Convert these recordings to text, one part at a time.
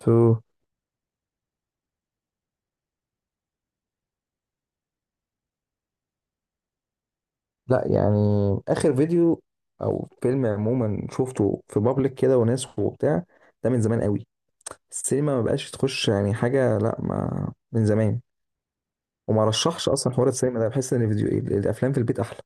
تو، لا يعني، اخر فيديو او فيلم عموما شفته في بابليك كده وناس وبتاع. ده من زمان قوي. السينما ما بقاش تخش يعني حاجه، لا ما من زمان. وما رشحش اصلا حوار السينما ده، بحس ان الفيديو الافلام في البيت احلى.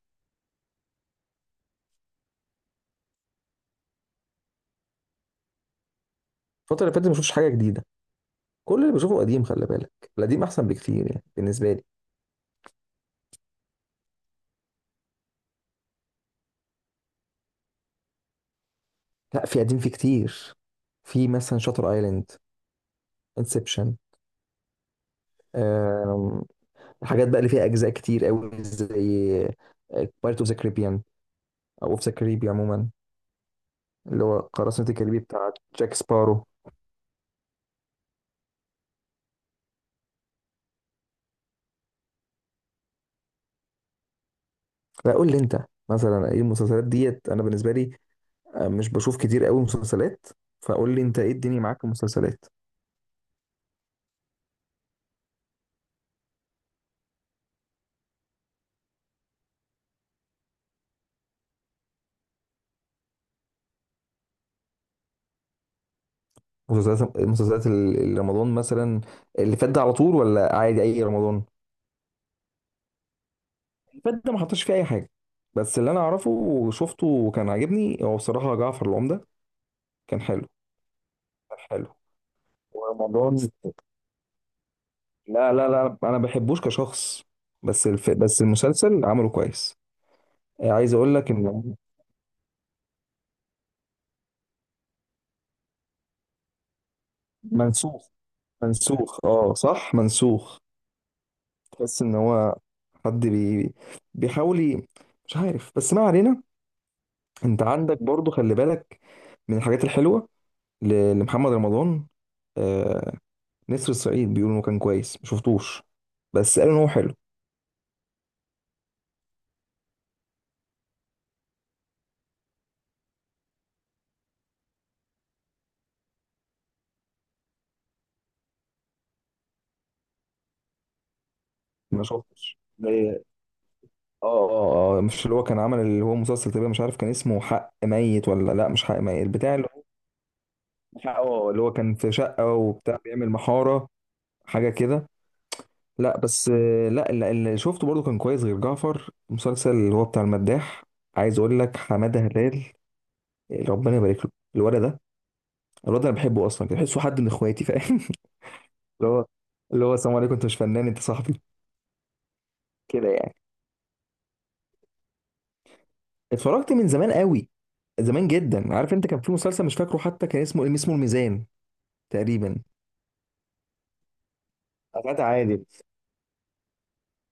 الفتره اللي فاتت ما شفتش حاجه جديده، كل اللي بشوفه قديم، خلي بالك. القديم احسن بكتير يعني بالنسبه لي. لا في قديم، في كتير. في مثلا شاتر ايلاند، انسبشن. الحاجات بقى اللي فيها اجزاء كتير قوي زي بايرت اوف ذا، او اوف ذا كاريبي عموما، اللي هو قراصنة الكاريبي بتاع جاك سبارو. لا قول لي انت مثلا، ايه المسلسلات ديت؟ انا بالنسبه لي، مش بشوف كتير قوي مسلسلات. فقول لي انت ايه الدنيا معاك في المسلسلات. مسلسلات رمضان مثلا، اللي فات ده على طول ولا عادي اي رمضان؟ اللي فات ده ما حطش فيه اي حاجه، بس اللي انا اعرفه وشفته وكان عاجبني هو بصراحه جعفر العمده. كان حلو، كان حلو. ورمضان، لا لا لا، انا ما بحبوش كشخص، بس المسلسل عمله كويس. عايز اقول لك ان منسوخ، منسوخ، اه صح، منسوخ. تحس ان هو حد بيحاول مش عارف، بس ما علينا. انت عندك برضو، خلي بالك، من الحاجات الحلوه لمحمد رمضان، آه نسر الصعيد. بيقولوا انه كان كويس، ما شفتوش بس قالوا ان هو حلو. ما شفتش زي-، اه اه اه، مش اللي هو كان عمل، اللي هو مسلسل تقريبا، مش عارف كان اسمه حق ميت ولا لا، مش حق ميت بتاع اللي هو، اه اللي هو كان في شقه وبتاع بيعمل محاره، حاجه كده. لا بس، لا اللي شفته برضو كان كويس غير جعفر، المسلسل اللي هو بتاع المداح. عايز اقول لك حماده هلال، ربنا يبارك له. الولد ده، الولد ده، انا بحبه اصلا، بحسه حد من اخواتي، فاهم؟ اللي هو اللي هو السلام عليكم، انت مش فنان، انت صاحبي، كده يعني. اتفرجت من زمان قوي، زمان جدا. عارف انت، كان في مسلسل مش فاكره حتى كان اسمه الميزان تقريبا. غادة عادل.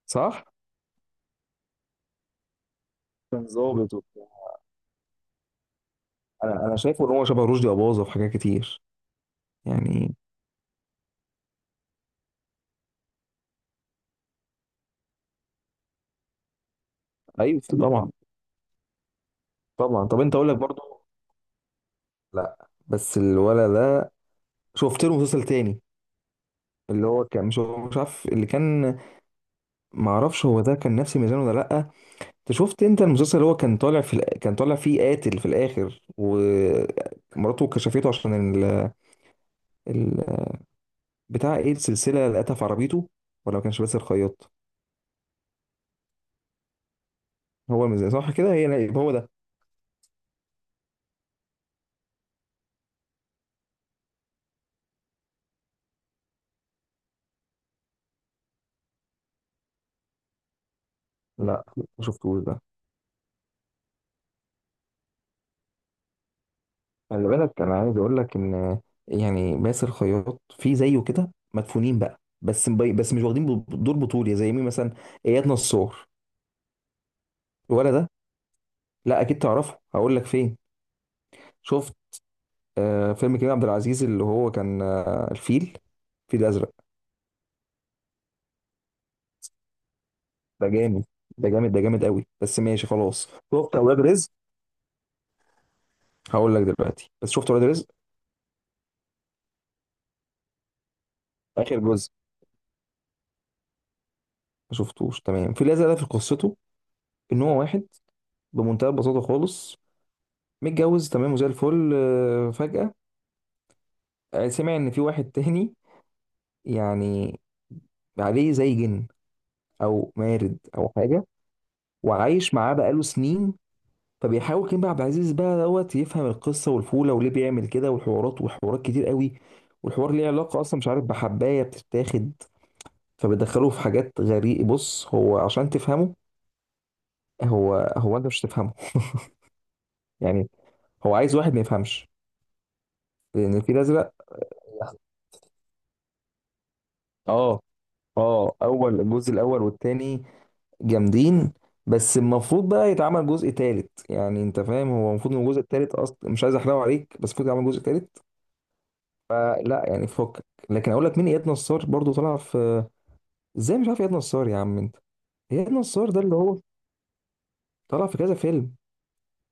صح؟ كان ظابط وبتاع. انا شايفه ان هو شبه رشدي اباظة في حاجات كتير، يعني. ايوه طبعا، طبعا. طب انت، اقول لك برضو، لا بس الولد ده، شفت له مسلسل تاني، اللي هو كان مش عارف اللي كان، معرفش هو ده كان نفس ميزان ولا لا. انت شفت المسلسل اللي هو كان طالع فيه قاتل في الاخر، ومراته كشفته عشان ال... بتاع ايه السلسله اللي قتلها في عربيته، ولا ما كانش باسل الخياط؟ هو الميزان، صح كده، هي يبقى هو ده. لا ما شفتوش ده. خلي بالك، انا عايز اقول لك ان يعني باسل الخياط في زيه كده مدفونين بقى، بس مش واخدين دور بطولي زي مين مثلا؟ اياد نصار. ولا ده؟ لا اكيد تعرفه، هقول لك فين. شفت فيلم كريم عبد العزيز اللي هو كان، الفيل، الفيل الازرق؟ ده جامد، ده جامد، ده جامد قوي، بس ماشي خلاص. شفت اولاد رزق؟ هقول لك دلوقتي، بس شفت اولاد رزق اخر جزء؟ ما شفتوش تمام. في الازرق ده، في قصته، ان هو واحد بمنتهى البساطه خالص، متجوز تمام وزي الفل، فجأة سمع ان في واحد تاني، يعني، عليه زي جن او مارد او حاجه، وعايش معاه بقاله سنين. فبيحاول كريم عبد العزيز بقى دوت يفهم القصه والفوله وليه بيعمل كده، والحوارات، وحوارات كتير قوي، والحوار ليه علاقه اصلا، مش عارف بحبايه بتتاخد، فبيدخله في حاجات غريبه. بص، هو عشان تفهمه، هو انت مش تفهمه يعني، هو عايز واحد ما يفهمش، لان الفيل الازرق. اه اه، اول الجزء، الاول والتاني جامدين، بس المفروض بقى يتعمل جزء تالت، يعني انت فاهم، هو المفروض ان الجزء التالت اصلا، مش عايز احرقه عليك، بس المفروض يتعمل جزء تالت. فلا يعني فكك. لكن اقول لك مين، اياد نصار برضو طلع في. ازاي مش عارف اياد نصار يا عم انت؟ اياد نصار ده، اللي هو طلع في كذا فيلم.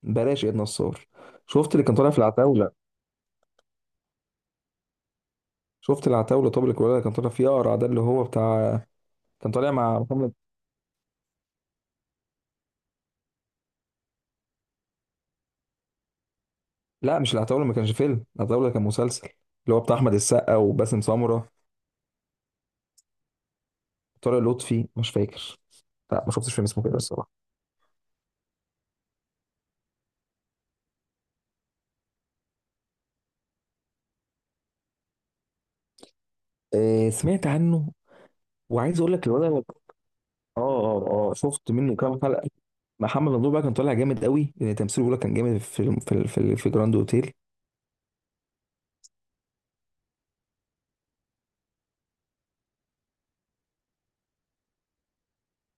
بلاش اياد نصار. شفت اللي كان طالع في العتاولة؟ شفت العتاولة؟ طب الكولا اللي كان طالع فيه اقرع ده، اللي هو بتاع، كان طالع مع محمد. لا مش العتاولة، ما كانش فيلم، العتاولة كان مسلسل، اللي هو بتاع احمد السقا وباسم سمرة، طارق لطفي مش فاكر. لا ما شفتش فيلم اسمه كده الصراحه. آه سمعت عنه. وعايز اقول لك الوضع، اه اه اه، شفت منه كام حلقه. محمد ممدوح بقى كان طالع جامد قوي، لان تمثيله بيقول لك كان جامد في جراند اوتيل.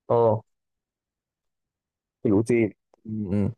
اه، في الاوتيل. م- م.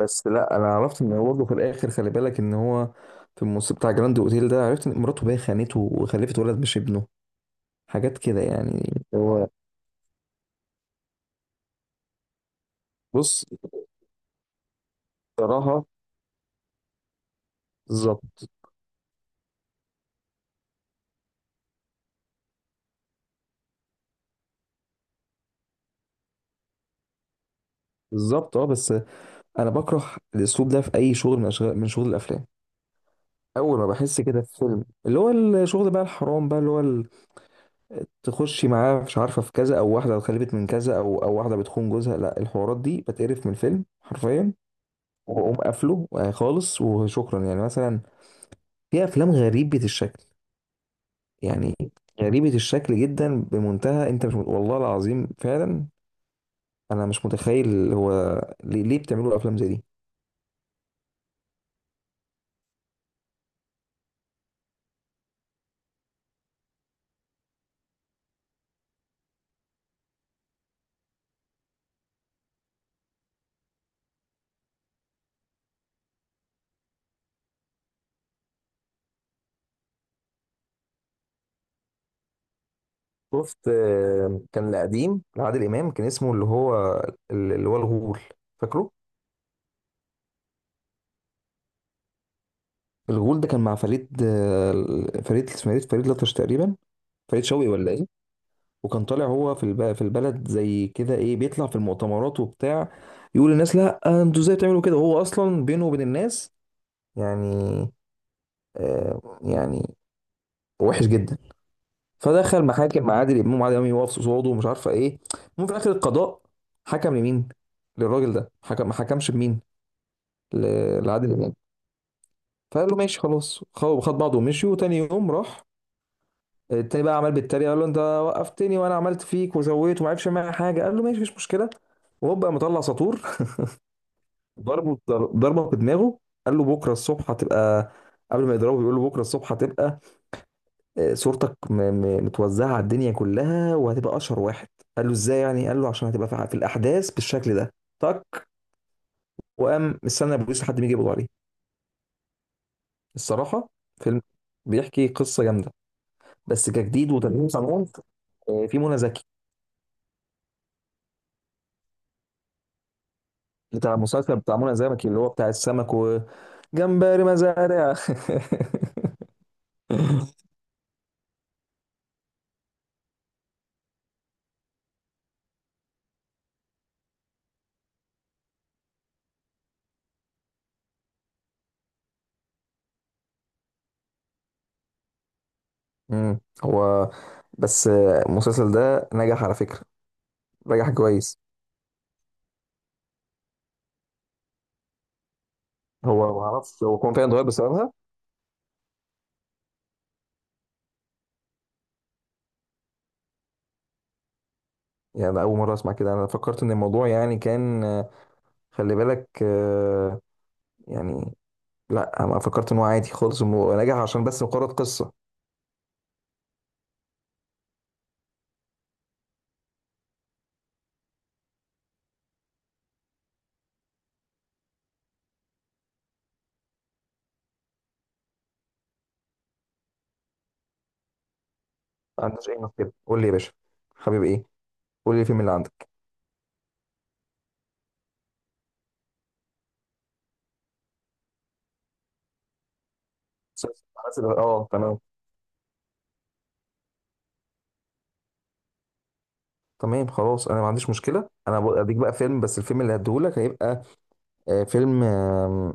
بس لا، انا عرفت ان هو برضه في الاخر، خلي بالك ان هو في الموسم بتاع جراند اوتيل ده، عرفت ان مراته بقى خانته وخلفت ولد مش ابنه، حاجات كده يعني. هو، بص، بصراحه. بالظبط. بالظبط، اه، بس انا بكره الاسلوب ده في اي شغل، من شغل الافلام. اول ما بحس كده في فيلم، اللي هو الشغل بقى الحرام بقى، اللي هو تخشي معاه، مش عارفه، في كذا او واحده اتخلفت من كذا، او واحده بتخون جوزها، لا، الحوارات دي بتقرف من الفيلم حرفيا، واقوم قافله خالص، وشكرا يعني. مثلا في افلام غريبه الشكل، يعني غريبه الشكل جدا بمنتهى، انت مش والله العظيم فعلا انا مش متخيل هو ليه، بتعملوا افلام زي دي. شفت، كان القديم لعادل امام كان اسمه، اللي هو اللي هو الغول، فاكره؟ الغول ده كان مع فريد، فريد، اسمه فريد، لطش تقريبا، فريد شوقي ولا ايه. وكان طالع هو في البلد، زي كده ايه، بيطلع في المؤتمرات وبتاع، يقول للناس لا انتوا ازاي بتعملوا كده، وهو اصلا بينه وبين الناس، يعني يعني وحش جدا. فدخل محاكم مع عادل امام، وعادل امام يقف قصاده، ومش عارفه ايه. المهم، في الاخر القضاء حكم لمين؟ للراجل ده حكم، ما حكمش بمين، لعادل امام. فقال له ماشي خلاص، خد بعضه ومشي. وتاني يوم راح التاني، بقى عمال بيتريق، قال له انت وقفتني وانا عملت فيك وزويت وما عرفش معايا حاجه. قال له ماشي، مفيش مشكله. وهو بقى مطلع ساطور ضربه، ضربه بدماغه. قال له بكره الصبح هتبقى، قبل ما يضربه بيقول له بكره الصبح هتبقى، صورتك متوزعه على الدنيا كلها، وهتبقى اشهر واحد. قال له ازاي يعني؟ قال له عشان هتبقى في الاحداث بالشكل ده. تك. وقام مستنى البوليس لحد ما يجي يقبض عليه. الصراحه فيلم بيحكي قصه جامده، بس كجديد وتغيير صنعون. في منى زكي بتاع المسلسل، بتاع منى زكي اللي هو بتاع السمك وجمبري مزارع هو بس، المسلسل ده نجح على فكرة، نجح كويس. هو ما اعرفش هو كان فعلا اتغير بسببها، يعني أنا أول مرة أسمع كده. أنا فكرت إن الموضوع يعني كان، خلي بالك، يعني، لا، أنا فكرت إن هو عادي خالص، إنه نجح عشان بس مجرد قصة. ما عندوش أي مشكلة، قول لي يا باشا حبيبي، إيه؟ قول لي الفيلم اللي عندك. اه تمام. تمام، خلاص، انا ما عنديش مشكله، انا اديك بقى فيلم، بس الفيلم اللي هديهولك هيبقى، فيلم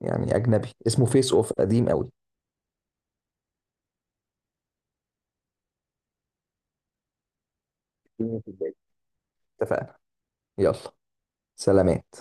يعني اجنبي، اسمه فيس اوف، قديم قوي. اتفقنا. يلا، سلامات.